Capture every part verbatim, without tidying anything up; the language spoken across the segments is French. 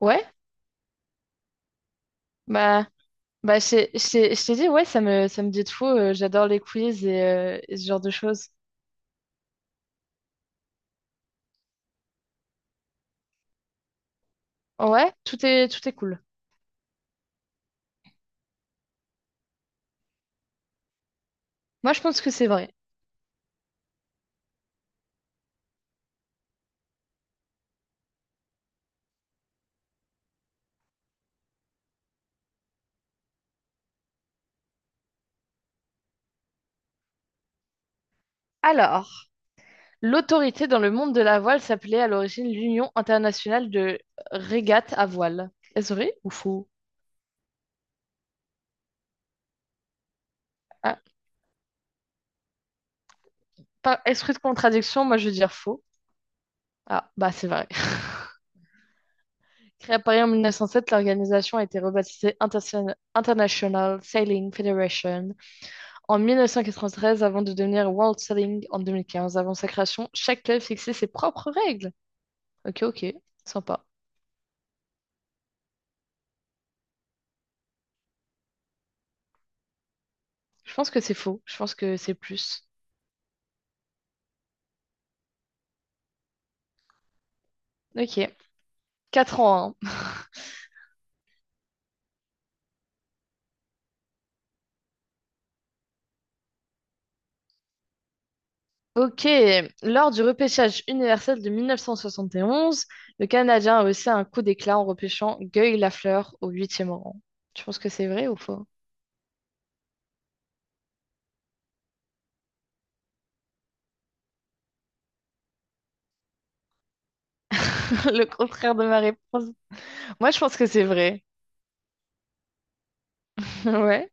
Ouais, bah, bah je t'ai je t'ai- je t'ai dit, ouais, ça me, ça me dit de fou. Euh, j'adore les quiz et, euh, et ce genre de choses. Ouais, tout est, tout est cool. Moi, je pense que c'est vrai. Alors, l'autorité dans le monde de la voile s'appelait à l'origine l'Union internationale de régates à voile. Est-ce vrai ou faux? Ah, par esprit de contradiction, moi, je veux dire faux. Ah, bah, c'est vrai. Créée à Paris en mille neuf cent sept, l'organisation a été rebaptisée Interse- International Sailing Federation. En mille neuf cent quatre-vingt-treize, avant de devenir World Selling en deux mille quinze, avant sa création, chaque club fixait ses propres règles. Ok, ok, sympa. Je pense que c'est faux, je pense que c'est plus. Ok, quatre ans. Hein. Ok, lors du repêchage universel de mille neuf cent soixante et onze, le Canadien a aussi un coup d'éclat en repêchant Guy Lafleur au huitième rang. Tu penses que c'est vrai ou faux? Le contraire de ma réponse. Moi, je pense que c'est vrai. Ouais.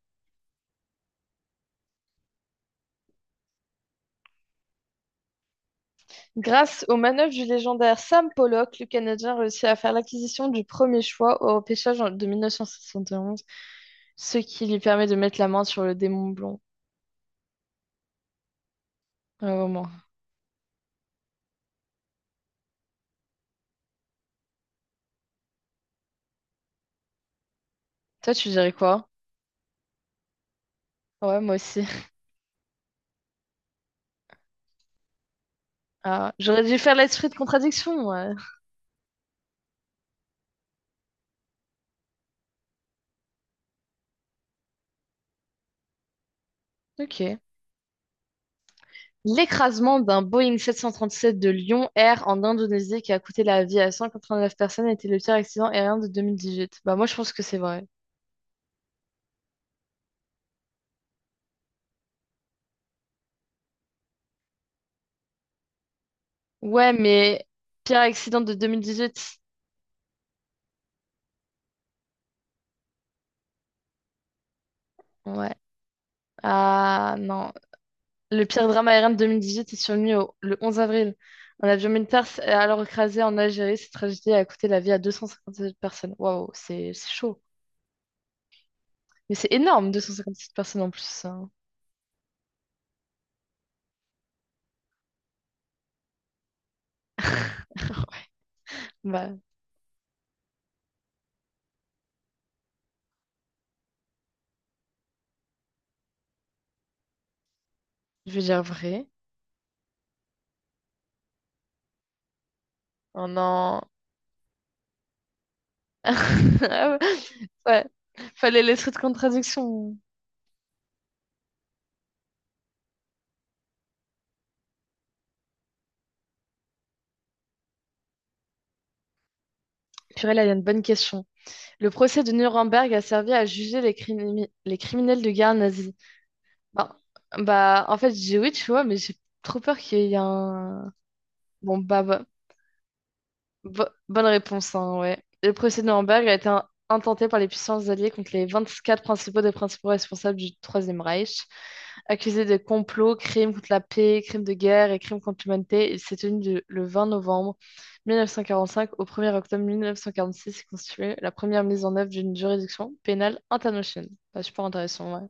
Grâce aux manœuvres du légendaire Sam Pollock, le Canadien réussit à faire l'acquisition du premier choix au repêchage en- de mille neuf cent soixante et onze, ce qui lui permet de mettre la main sur le démon blond à un moment. Toi, tu dirais quoi? Ouais, moi aussi. Ah, j'aurais dû faire l'esprit de contradiction, ouais. Ok. L'écrasement d'un Boeing sept cent trente-sept de Lyon Air en Indonésie qui a coûté la vie à cent quatre-vingt-neuf personnes était le pire accident aérien de deux mille dix-huit. Bah, moi, je pense que c'est vrai. Ouais, mais pire accident de deux mille dix-huit? Ouais. Ah, non. Le pire drame aérien de deux mille dix-huit est survenu au- le onze avril. Un avion militaire s'est alors écrasé en Algérie. Cette tragédie a coûté la vie à deux cent cinquante-sept personnes. Waouh, c'est c'est chaud. Mais c'est énorme, deux cent cinquante-sept personnes en plus. Hein. Bah, je vais dire vrai. Oh non. Ouais, fallait les trucs de contradiction. Purée, là, il y a une bonne question. Le procès de Nuremberg a servi à juger les, crimi- les criminels de guerre nazis. Bah, bah, en fait, j'ai oui, tu vois, mais j'ai trop peur qu'il y ait un... Bon, bah, bah, Bo- bonne réponse, hein, ouais. Le procès de Nuremberg a été in- intenté par les puissances alliées contre les vingt-quatre principaux des principaux responsables du Troisième Reich. Accusés de complots, crimes contre la paix, crimes de guerre et crimes contre l'humanité, il s'est tenu du- le vingt novembre mille neuf cent quarante-cinq au premier octobre mille neuf cent quarante-six et constitué la première mise en œuvre d'une juridiction pénale internationale. Bah, super intéressant, ouais.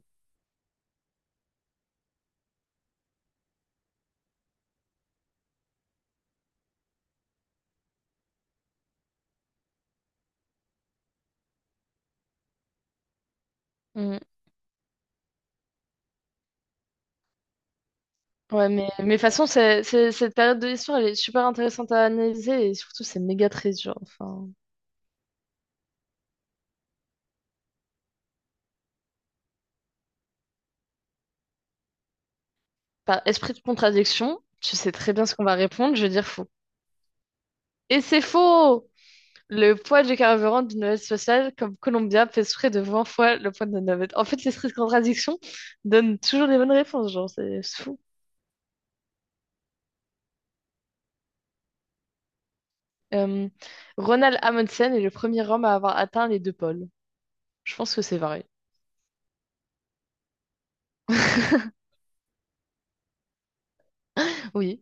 Mm. Ouais, mais, mais de toute façon, c'est- c'est- cette période de l'histoire, elle est super intéressante à analyser et surtout, c'est méga très dur. Enfin, par esprit de contradiction, tu sais très bien ce qu'on va répondre, je vais dire faux. Et c'est faux! Le poids du carburant d'une navette spatiale comme Columbia pèse près de vingt fois le poids de notre navette. En fait, l'esprit de contradiction donne toujours les bonnes réponses, genre, c'est c'est fou. Euh, Ronald Amundsen est le premier homme à avoir atteint les deux pôles. Je pense que c'est vrai. Oui.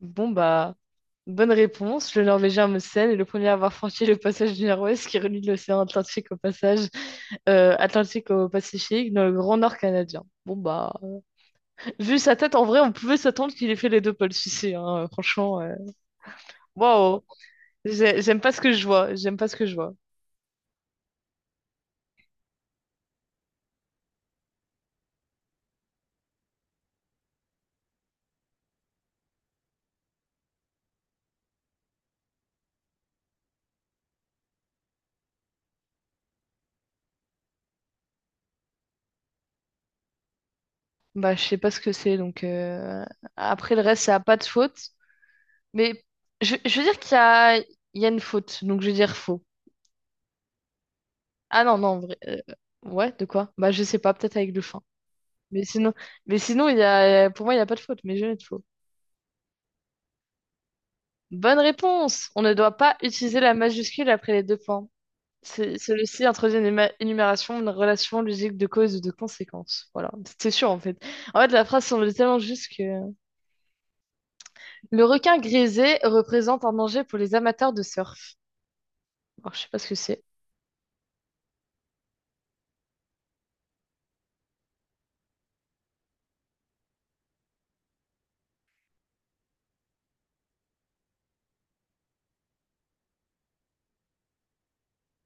Bon, bah, bonne réponse. Le Norvégien Amundsen est le premier à avoir franchi le passage du Nord-Ouest qui relie l'océan Atlantique au passage euh, Atlantique au Pacifique, dans le Grand Nord canadien. Bon bah, euh, vu sa tête, en vrai, on pouvait s'attendre qu'il ait fait les deux pôles ici, hein, euh, franchement. euh, Waouh, J'ai- j'aime pas ce que je vois, j'aime pas ce que je vois. Bah, je sais pas ce que c'est, donc euh, après le reste, ça a pas de faute. Mais je, je veux dire qu'il y a, il y a une faute, donc je veux dire faux. Ah non, non, en vrai, euh, ouais, de quoi? Bah, je sais pas, peut-être avec le fin. Mais sinon, mais sinon, il y a, pour moi, il y a pas de faute, mais je vais être faux. Bonne réponse! On ne doit pas utiliser la majuscule après les deux points. C'est- Celui-ci introduit une éma- énumération de relations logiques de causes et de conséquences. Voilà, c'est sûr en fait. En fait, la phrase semble tellement juste que... Le requin grisé représente un danger pour les amateurs de surf. Alors, je sais pas ce que c'est.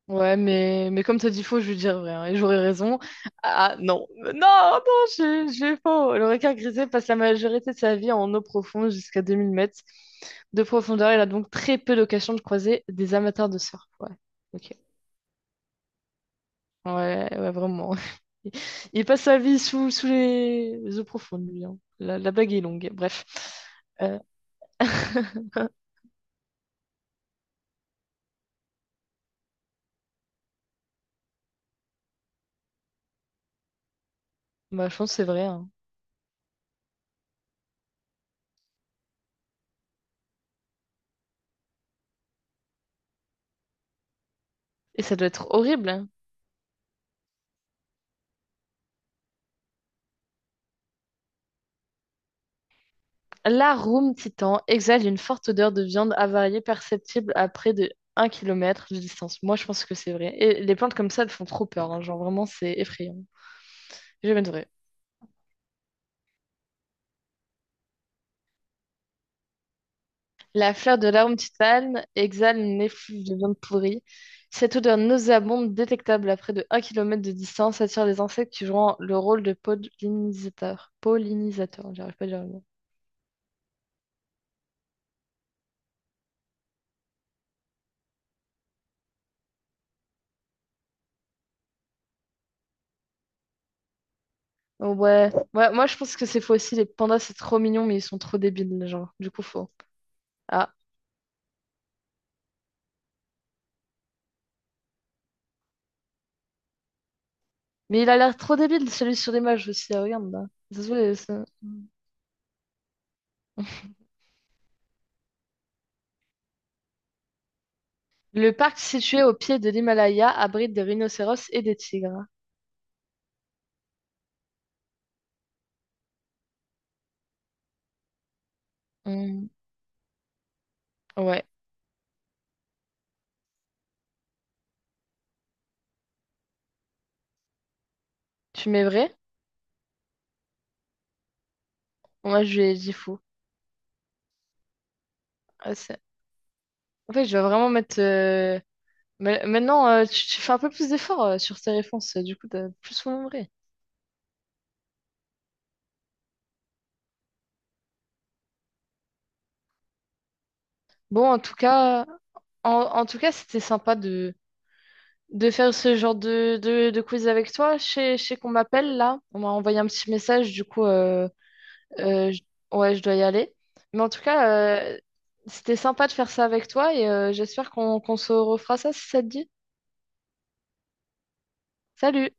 Ouais, mais, mais comme t'as dit faux, je veux dire vrai, hein, et j'aurais raison. Ah non, non, non, j'ai j'ai faux. Le requin grisé passe la majorité de sa vie en eau profonde jusqu'à deux mille mètres de profondeur. Il a donc très peu d'occasion de croiser des amateurs de surf. Ouais, ok. Ouais, ouais, vraiment. Il il passe sa vie sous, sous les, les eaux profondes, lui. Hein. La, la blague est longue, bref. Euh, Bah, je pense que c'est vrai. Hein. Et ça doit être horrible. Hein. L'arum titan exhale une forte odeur de viande avariée perceptible à près de un kilomètre de distance. Moi, je pense que c'est vrai. Et les plantes comme ça, elles font trop peur. Hein. Genre, vraiment, c'est effrayant. J'ai jamais de vrai. La fleur de l'arôme titane exhale une effluve de viande pourrie. Cette odeur nauséabonde, détectable à près de un kilomètre de distance, attire les insectes qui jouent le rôle de pollinisateurs. Pollinisateurs, j'arrive pas à dire le mot. Oh, ouais. Ouais, moi je pense que c'est faux aussi. Les pandas, c'est trop mignon, mais ils sont trop débiles, les gens. Du coup, faux. Ah. Mais il a l'air trop débile, celui sur l'image aussi. Ah, regarde là. Ça se voit, les- ça- Le parc situé au pied de l'Himalaya abrite des rhinocéros et des tigres. Hmm. Ouais. Tu mets vrai? Moi, je lui ai dit faux. En fait, je vais vraiment mettre. euh, ma- Maintenant, euh, tu, tu fais un peu plus d'efforts euh, sur tes réponses. euh, Du coup, t'as plus nombré. Bon, en tout cas, en, en tout cas, c'était sympa de, de faire ce genre de, de, de quiz avec toi. Je sais, je sais qu'on m'appelle là. On m'a envoyé un petit message. Du coup, euh, euh, je- ouais, je dois y aller. Mais en tout cas, euh, c'était sympa de faire ça avec toi et euh, j'espère qu'on qu'on se refera ça si ça te dit. Salut!